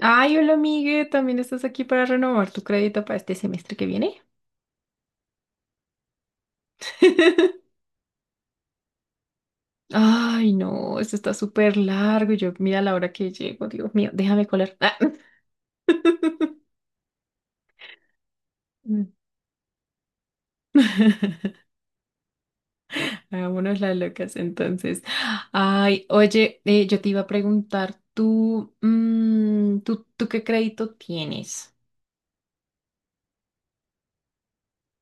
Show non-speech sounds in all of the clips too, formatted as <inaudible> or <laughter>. Ay, hola, Migue, también estás aquí para renovar tu crédito para este semestre que viene. <laughs> Ay, no, esto está súper largo. Y yo, mira la hora que llego, Dios mío, déjame colar. Ah. <laughs> Mm. <laughs> Hagámonos las locas entonces. Ay, oye, yo te iba a preguntar, ¿tú, tú qué crédito tienes?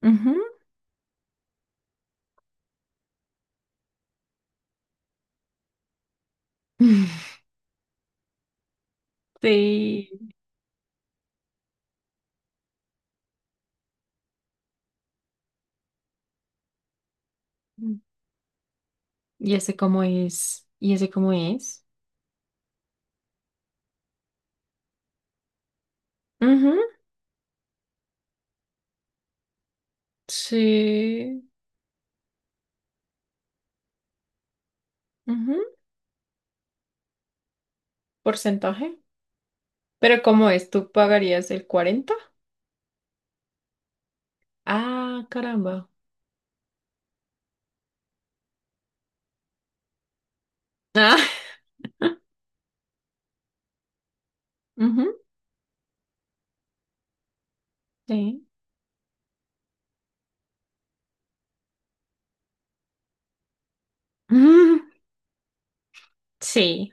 Ujú. <laughs> Sí. ¿Y ese cómo es? ¿Y ese cómo es? Ujú. Sí. Ujú. Porcentaje. Pero ¿cómo es? ¿Tú pagarías el 40? Ah, caramba. Ah, <laughs> ujú, sí. Mm, sí.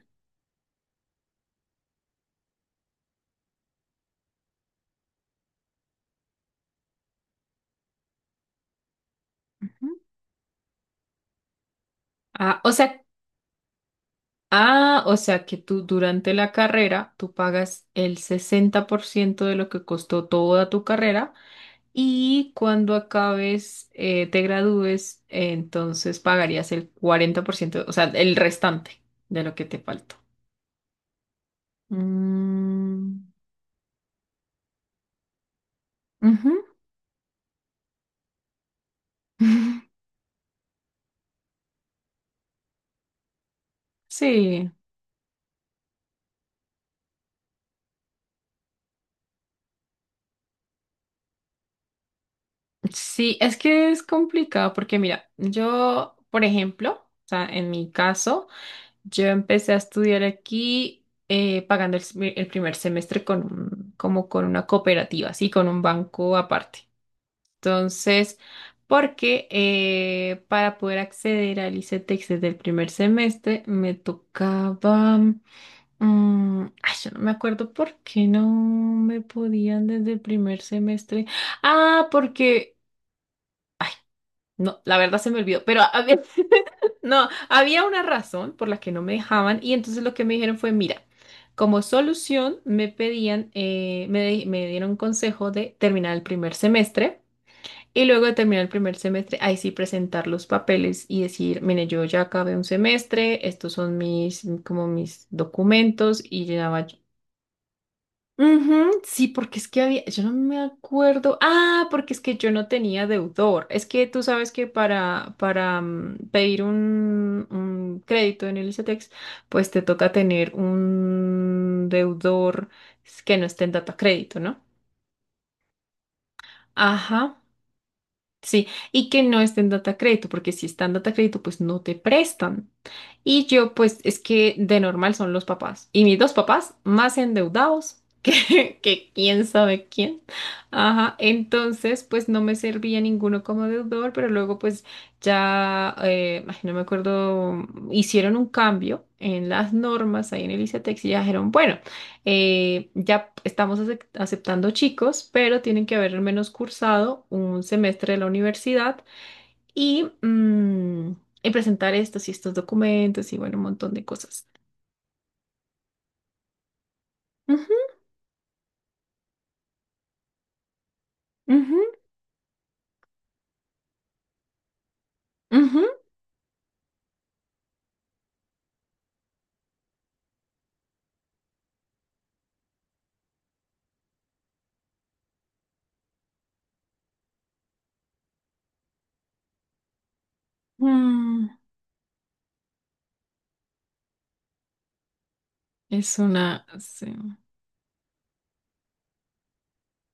Ujú. Ah, o sea, ah, o sea que tú durante la carrera tú pagas el 60% de lo que costó toda tu carrera y cuando acabes, te gradúes, entonces pagarías el 40%, o sea, el restante de lo que te faltó. Mm, ujú. <laughs> Sí. Sí, es que es complicado porque mira, yo, por ejemplo, o sea, en mi caso, yo empecé a estudiar aquí pagando el, el primer semestre con como con una cooperativa, sí, con un banco aparte. Entonces, porque para poder acceder al ICETEX desde el primer semestre me tocaba, ay, yo no me acuerdo por qué no me podían desde el primer semestre. Ah, porque... ay, no, la verdad se me olvidó, pero a ver, <laughs> no, había una razón por la que no me dejaban y entonces lo que me dijeron fue, mira, como solución me pedían, me dieron un consejo de terminar el primer semestre y luego de terminar el primer semestre, ahí sí presentar los papeles y decir, mire, yo ya acabé un semestre, estos son mis, como mis documentos y llenaba. Ujú. Sí, porque es que había, yo no me acuerdo, ah, porque es que yo no tenía deudor. Es que tú sabes que para, para pedir un crédito en el ICETEX, pues te toca tener un deudor que no esté en data crédito, ¿no? Ajá. Sí, y que no esté en data crédito, porque si está en data crédito, pues no te prestan. Y yo, pues es que de normal son los papás. Y mis dos papás más endeudados que, <laughs> que quién sabe quién. Ajá, entonces, pues no me servía ninguno como deudor, pero luego, pues ya, ay, no me acuerdo, hicieron un cambio en las normas ahí en el ICETEX y ya dijeron, bueno. Ya estamos aceptando chicos, pero tienen que haber al menos cursado un semestre de la universidad y, y presentar estos y estos documentos y bueno, un montón de cosas. Ujú, ujú, ujú. Mm, es una... sí,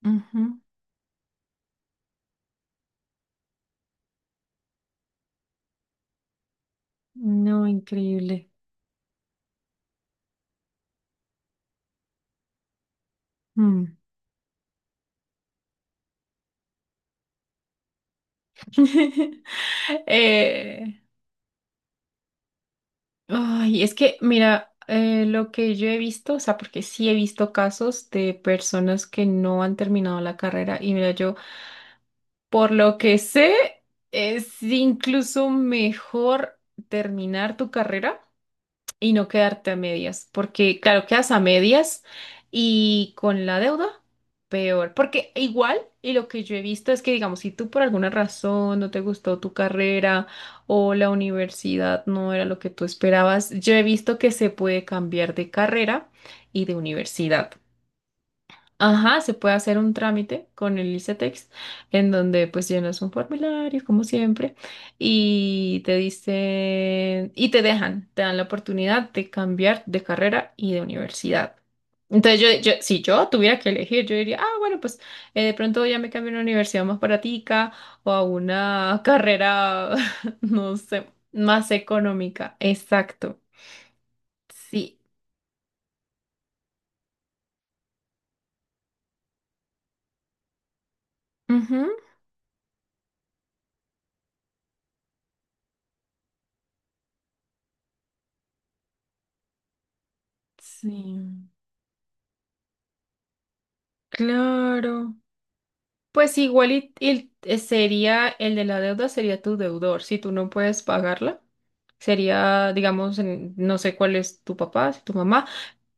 ujú. No, increíble. Mm. <laughs> Eh, ay, es que, mira, lo que yo he visto, o sea, porque sí he visto casos de personas que no han terminado la carrera y mira, yo, por lo que sé, es incluso mejor terminar tu carrera y no quedarte a medias, porque claro, quedas a medias y con la deuda, peor, porque igual, y lo que yo he visto es que, digamos, si tú por alguna razón no te gustó tu carrera o la universidad no era lo que tú esperabas, yo he visto que se puede cambiar de carrera y de universidad. Ajá, se puede hacer un trámite con el ICETEX en donde pues llenas un formulario como siempre y te dicen y te dejan, te dan la oportunidad de cambiar de carrera y de universidad. Entonces si yo tuviera que elegir, yo diría, ah, bueno, pues de pronto ya me cambio a una universidad más baratica o a una carrera, <laughs> no sé, más económica. Exacto. Sí. Ujú. Sí. Claro. Pues igual y sería el de la deuda, sería tu deudor. Si tú no puedes pagarla, sería, digamos, no sé cuál es tu papá, si tu mamá,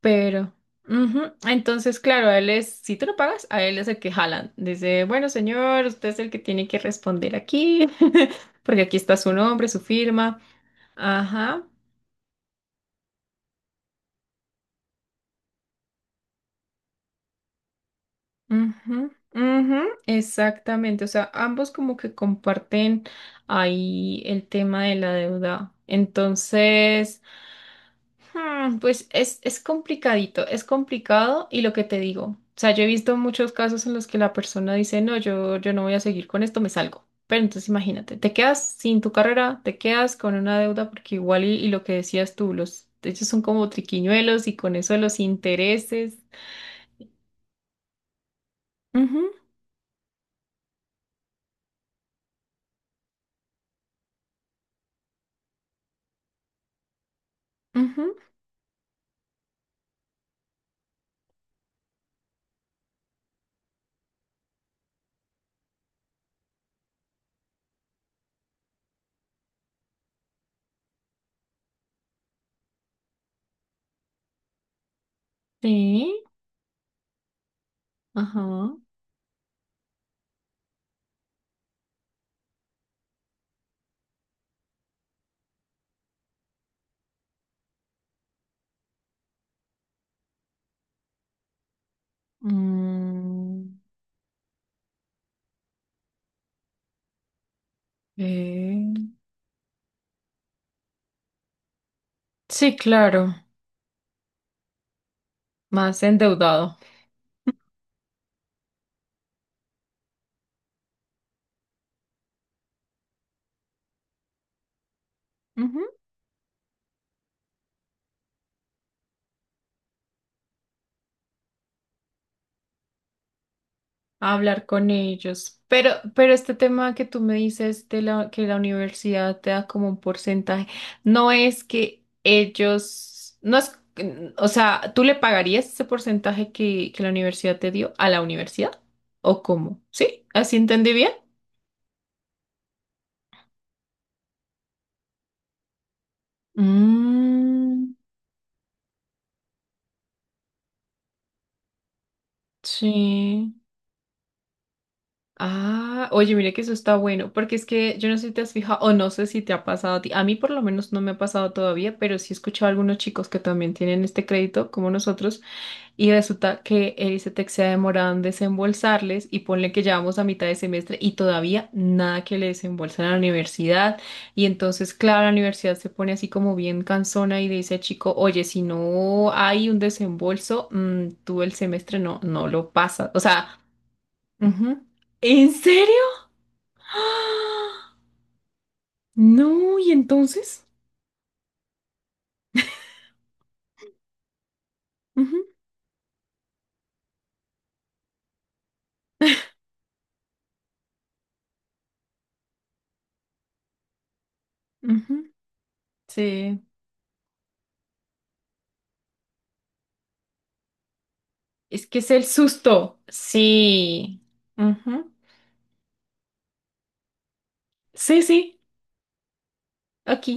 pero... ujú. Entonces, claro, a él es, si tú no pagas, a él es el que jalan. Dice, bueno, señor, usted es el que tiene que responder aquí, <laughs> porque aquí está su nombre, su firma. Ajá. Ujú, ujú, exactamente, o sea, ambos como que comparten ahí el tema de la deuda. Entonces, hmm, pues es complicadito, es complicado y lo que te digo, o sea, yo he visto muchos casos en los que la persona dice, no, yo no voy a seguir con esto, me salgo. Pero entonces imagínate, te quedas sin tu carrera, te quedas con una deuda porque igual y lo que decías tú, los, ellos son como triquiñuelos y con eso de los intereses. Ujú, ujú, sí, ajá. Mm, eh, sí, claro, más endeudado. Ujú, a hablar con ellos. Pero este tema que tú me dices de la, que la universidad te da como un porcentaje, no es que ellos, no es, o sea, ¿tú le pagarías ese porcentaje que la universidad te dio a la universidad? ¿O cómo? ¿Sí? ¿Así entendí bien? Mm, sí. Ah, oye, mire que eso está bueno, porque es que yo no sé si te has fijado o no sé si te ha pasado a ti. A mí por lo menos no me ha pasado todavía, pero sí he escuchado a algunos chicos que también tienen este crédito como nosotros y resulta que el ICETEX se ha demorado en desembolsarles y ponle que ya vamos a mitad de semestre y todavía nada que le desembolsan a la universidad. Y entonces, claro, la universidad se pone así como bien cansona y le dice al chico, oye, si no hay un desembolso, tú el semestre no, no lo pasas. O sea... ujú. ¿En serio? <gasps> ¡Ah! No, y entonces, ujú, ujú, sí, es que es el susto. Sí, ujú. Sí, sí, aquí.